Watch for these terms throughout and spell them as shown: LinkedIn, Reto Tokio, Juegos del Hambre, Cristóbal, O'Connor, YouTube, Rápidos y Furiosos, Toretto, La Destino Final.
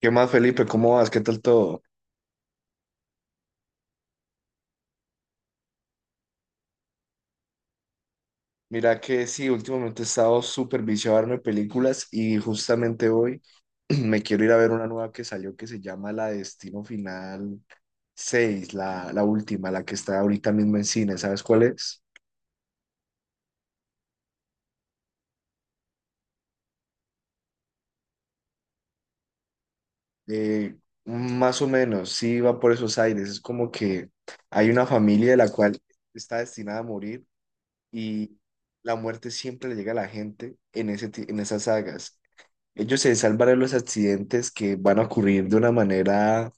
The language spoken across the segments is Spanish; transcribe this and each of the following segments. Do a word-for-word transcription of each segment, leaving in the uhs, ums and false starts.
¿Qué más, Felipe? ¿Cómo vas? ¿Qué tal todo? Mira que sí, últimamente he estado súper viciado a verme películas y justamente hoy me quiero ir a ver una nueva que salió que se llama La Destino Final seis, la, la última, la que está ahorita mismo en cine. ¿Sabes cuál es? Eh, Más o menos, sí va por esos aires. Es como que hay una familia de la cual está destinada a morir y la muerte siempre le llega a la gente en ese, ti- en esas sagas. Ellos se salvan de los accidentes que van a ocurrir de una manera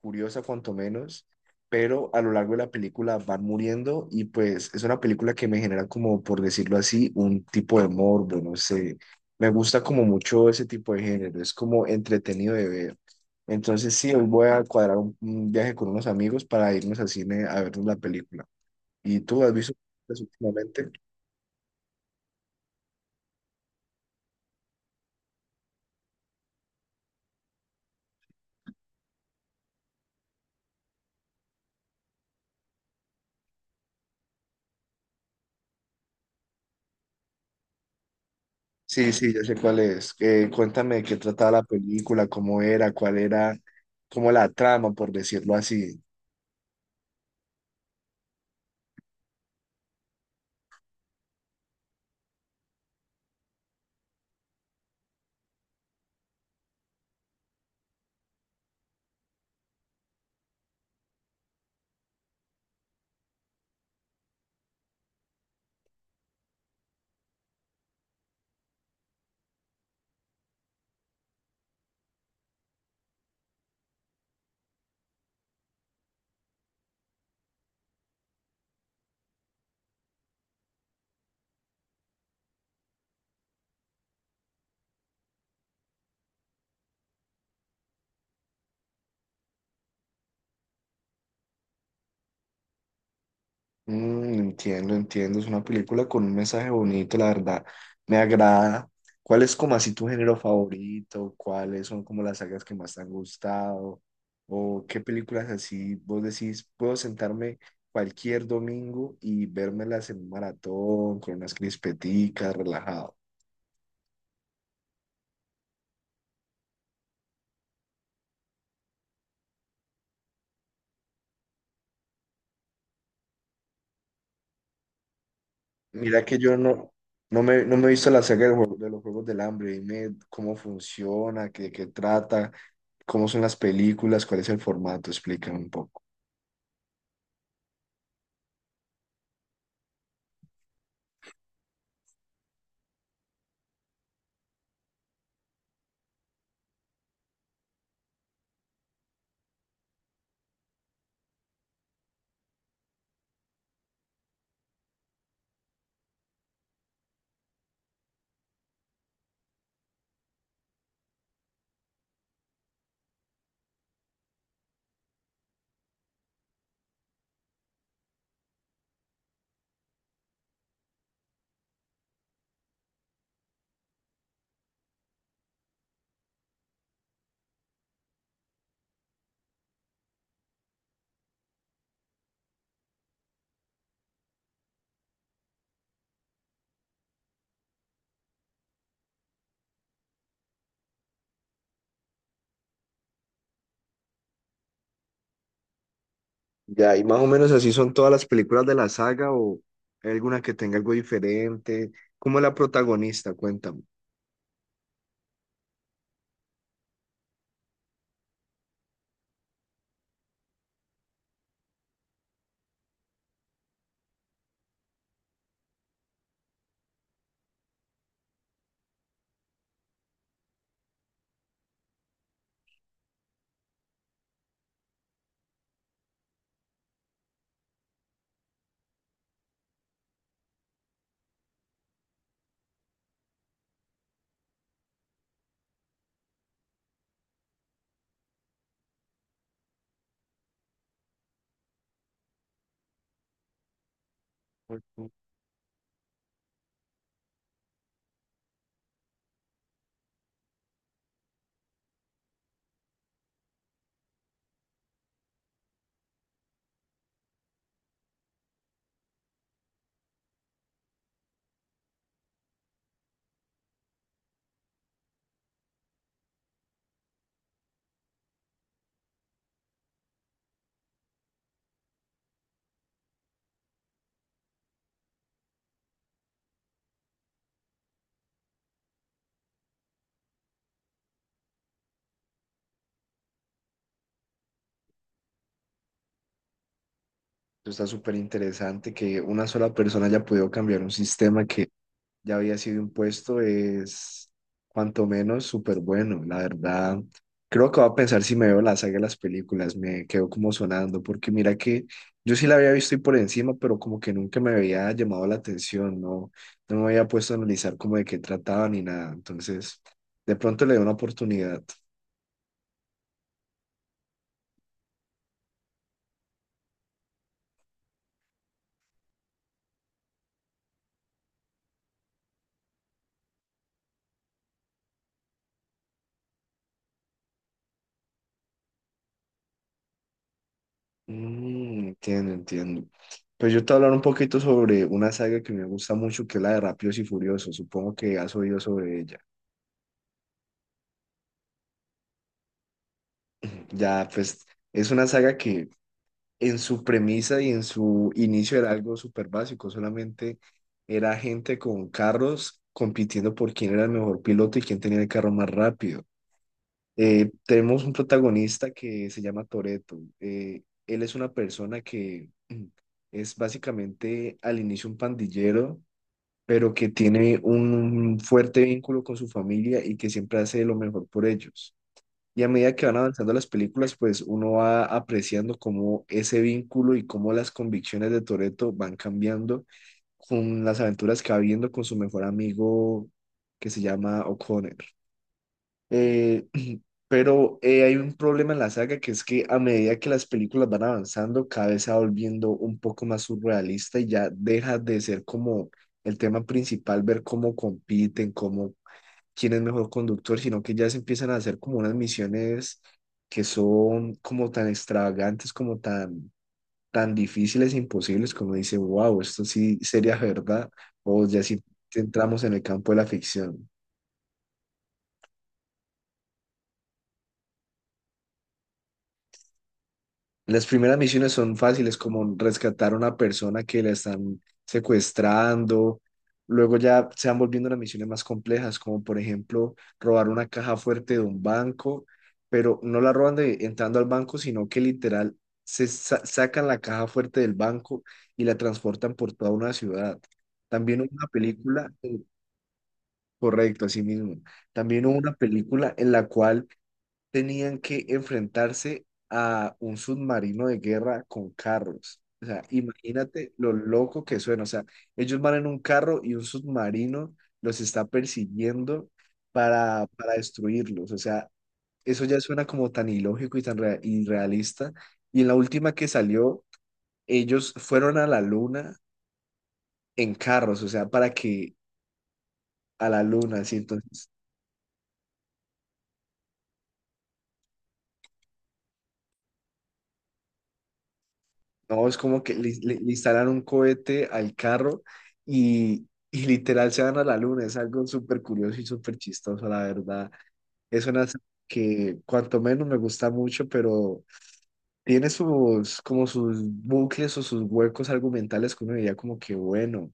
curiosa, cuanto menos, pero a lo largo de la película van muriendo y pues es una película que me genera como, por decirlo así, un tipo de morbo, no sé. Me gusta como mucho ese tipo de género, es como entretenido de ver. Entonces sí, hoy voy a cuadrar un, un viaje con unos amigos para irnos al cine a vernos la película. ¿Y tú has visto películas últimamente? Sí, sí, ya sé cuál es. Eh, cuéntame de qué trataba la película, cómo era, cuál era, cómo la trama, por decirlo así. Mm, entiendo, entiendo. Es una película con un mensaje bonito, la verdad. Me agrada. ¿Cuál es como así tu género favorito? ¿Cuáles son como las sagas que más te han gustado? ¿O qué películas así vos decís, puedo sentarme cualquier domingo y vérmelas en un maratón, con unas crispeticas, relajado? Mira que yo no, no me, no me he visto la saga del juego- de los Juegos del Hambre, dime cómo funciona, qué, qué trata, cómo son las películas, cuál es el formato, explícame un poco. Ya, y más o menos así son todas las películas de la saga o hay alguna que tenga algo diferente. ¿Cómo es la protagonista? Cuéntame. Ujú. Está súper interesante que una sola persona haya podido cambiar un sistema que ya había sido impuesto es cuanto menos súper bueno, la verdad. Creo que voy a pensar si me veo la saga de las películas, me quedo como sonando, porque mira que yo sí la había visto y por encima, pero como que nunca me había llamado la atención, no, no me había puesto a analizar como de qué trataba ni nada, entonces de pronto le doy una oportunidad. Mm, entiendo, entiendo. Pues yo te voy a hablar un poquito sobre una saga que me gusta mucho, que es la de Rápidos y Furiosos, supongo que has oído sobre ella. Ya, pues es una saga que en su premisa y en su inicio era algo súper básico, solamente era gente con carros compitiendo por quién era el mejor piloto y quién tenía el carro más rápido. Eh, tenemos un protagonista que se llama Toretto. Eh, él es una persona que mm, es básicamente al inicio un pandillero, pero que tiene un fuerte vínculo con su familia y que siempre hace lo mejor por ellos. Y a medida que van avanzando las películas, pues uno va apreciando cómo ese vínculo y cómo las convicciones de Toretto van cambiando con las aventuras que va viendo con su mejor amigo que se llama O'Connor. Eh, pero eh, hay un problema en la saga que es que a medida que las películas van avanzando, cada vez se va volviendo un poco más surrealista y ya deja de ser como el tema principal, ver cómo compiten, cómo quién es mejor conductor, sino que ya se empiezan a hacer como unas misiones que son como tan extravagantes, como tan, tan difíciles e imposibles, como dice, wow, esto sí sería verdad, o ya sí entramos en el campo de la ficción. Las primeras misiones son fáciles, como rescatar a una persona que la están secuestrando. Luego ya se van volviendo las misiones más complejas, como por ejemplo robar una caja fuerte de un banco, pero no la roban de, entrando al banco, sino que literal se sa- sacan la caja fuerte del banco y la transportan por toda una ciudad. También hubo una película, eh, correcto, así mismo. También hubo una película en la cual tenían que enfrentarse a un submarino de guerra con carros. O sea, imagínate lo loco que suena. O sea, ellos van en un carro y un submarino los está persiguiendo para, para destruirlos. O sea, eso ya suena como tan ilógico y tan rea- irrealista. Y en la última que salió, ellos fueron a la luna en carros, o sea, para que a la luna, así entonces. No, es como que le, le- le instalan un cohete al carro y, y literal se van a la luna. Es algo súper curioso y súper chistoso, la verdad. Es una serie que cuanto menos me gusta mucho, pero tiene sus, como sus bucles o sus huecos argumentales que uno diría como que, bueno,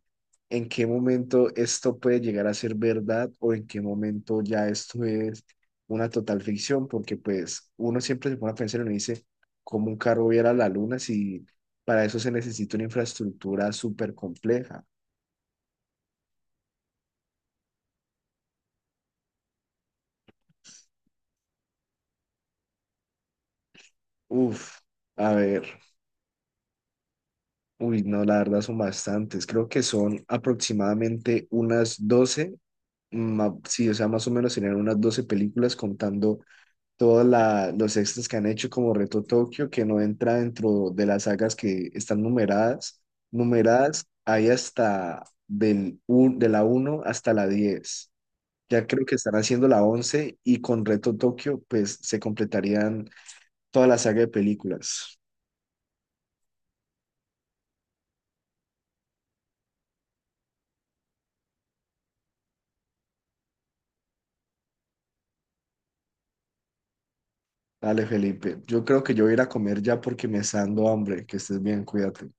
¿en qué momento esto puede llegar a ser verdad o en qué momento ya esto es una total ficción? Porque pues uno siempre se pone a pensar y uno dice, ¿cómo un carro viera la luna si para eso se necesita una infraestructura súper compleja? Uf, a ver, uy, no, la verdad son bastantes. Creo que son aproximadamente unas doce ma- sí, o sea, más o menos tenían unas doce películas contando todos los extras que han hecho como Reto Tokio, que no entra dentro de las sagas que están numeradas. Numeradas hay hasta del un- de la uno hasta la diez. Ya creo que están haciendo la once y con Reto Tokio pues se completarían toda la saga de películas. Dale, Felipe. Yo creo que yo voy a ir a comer ya porque me está dando hambre. Que estés bien, cuídate.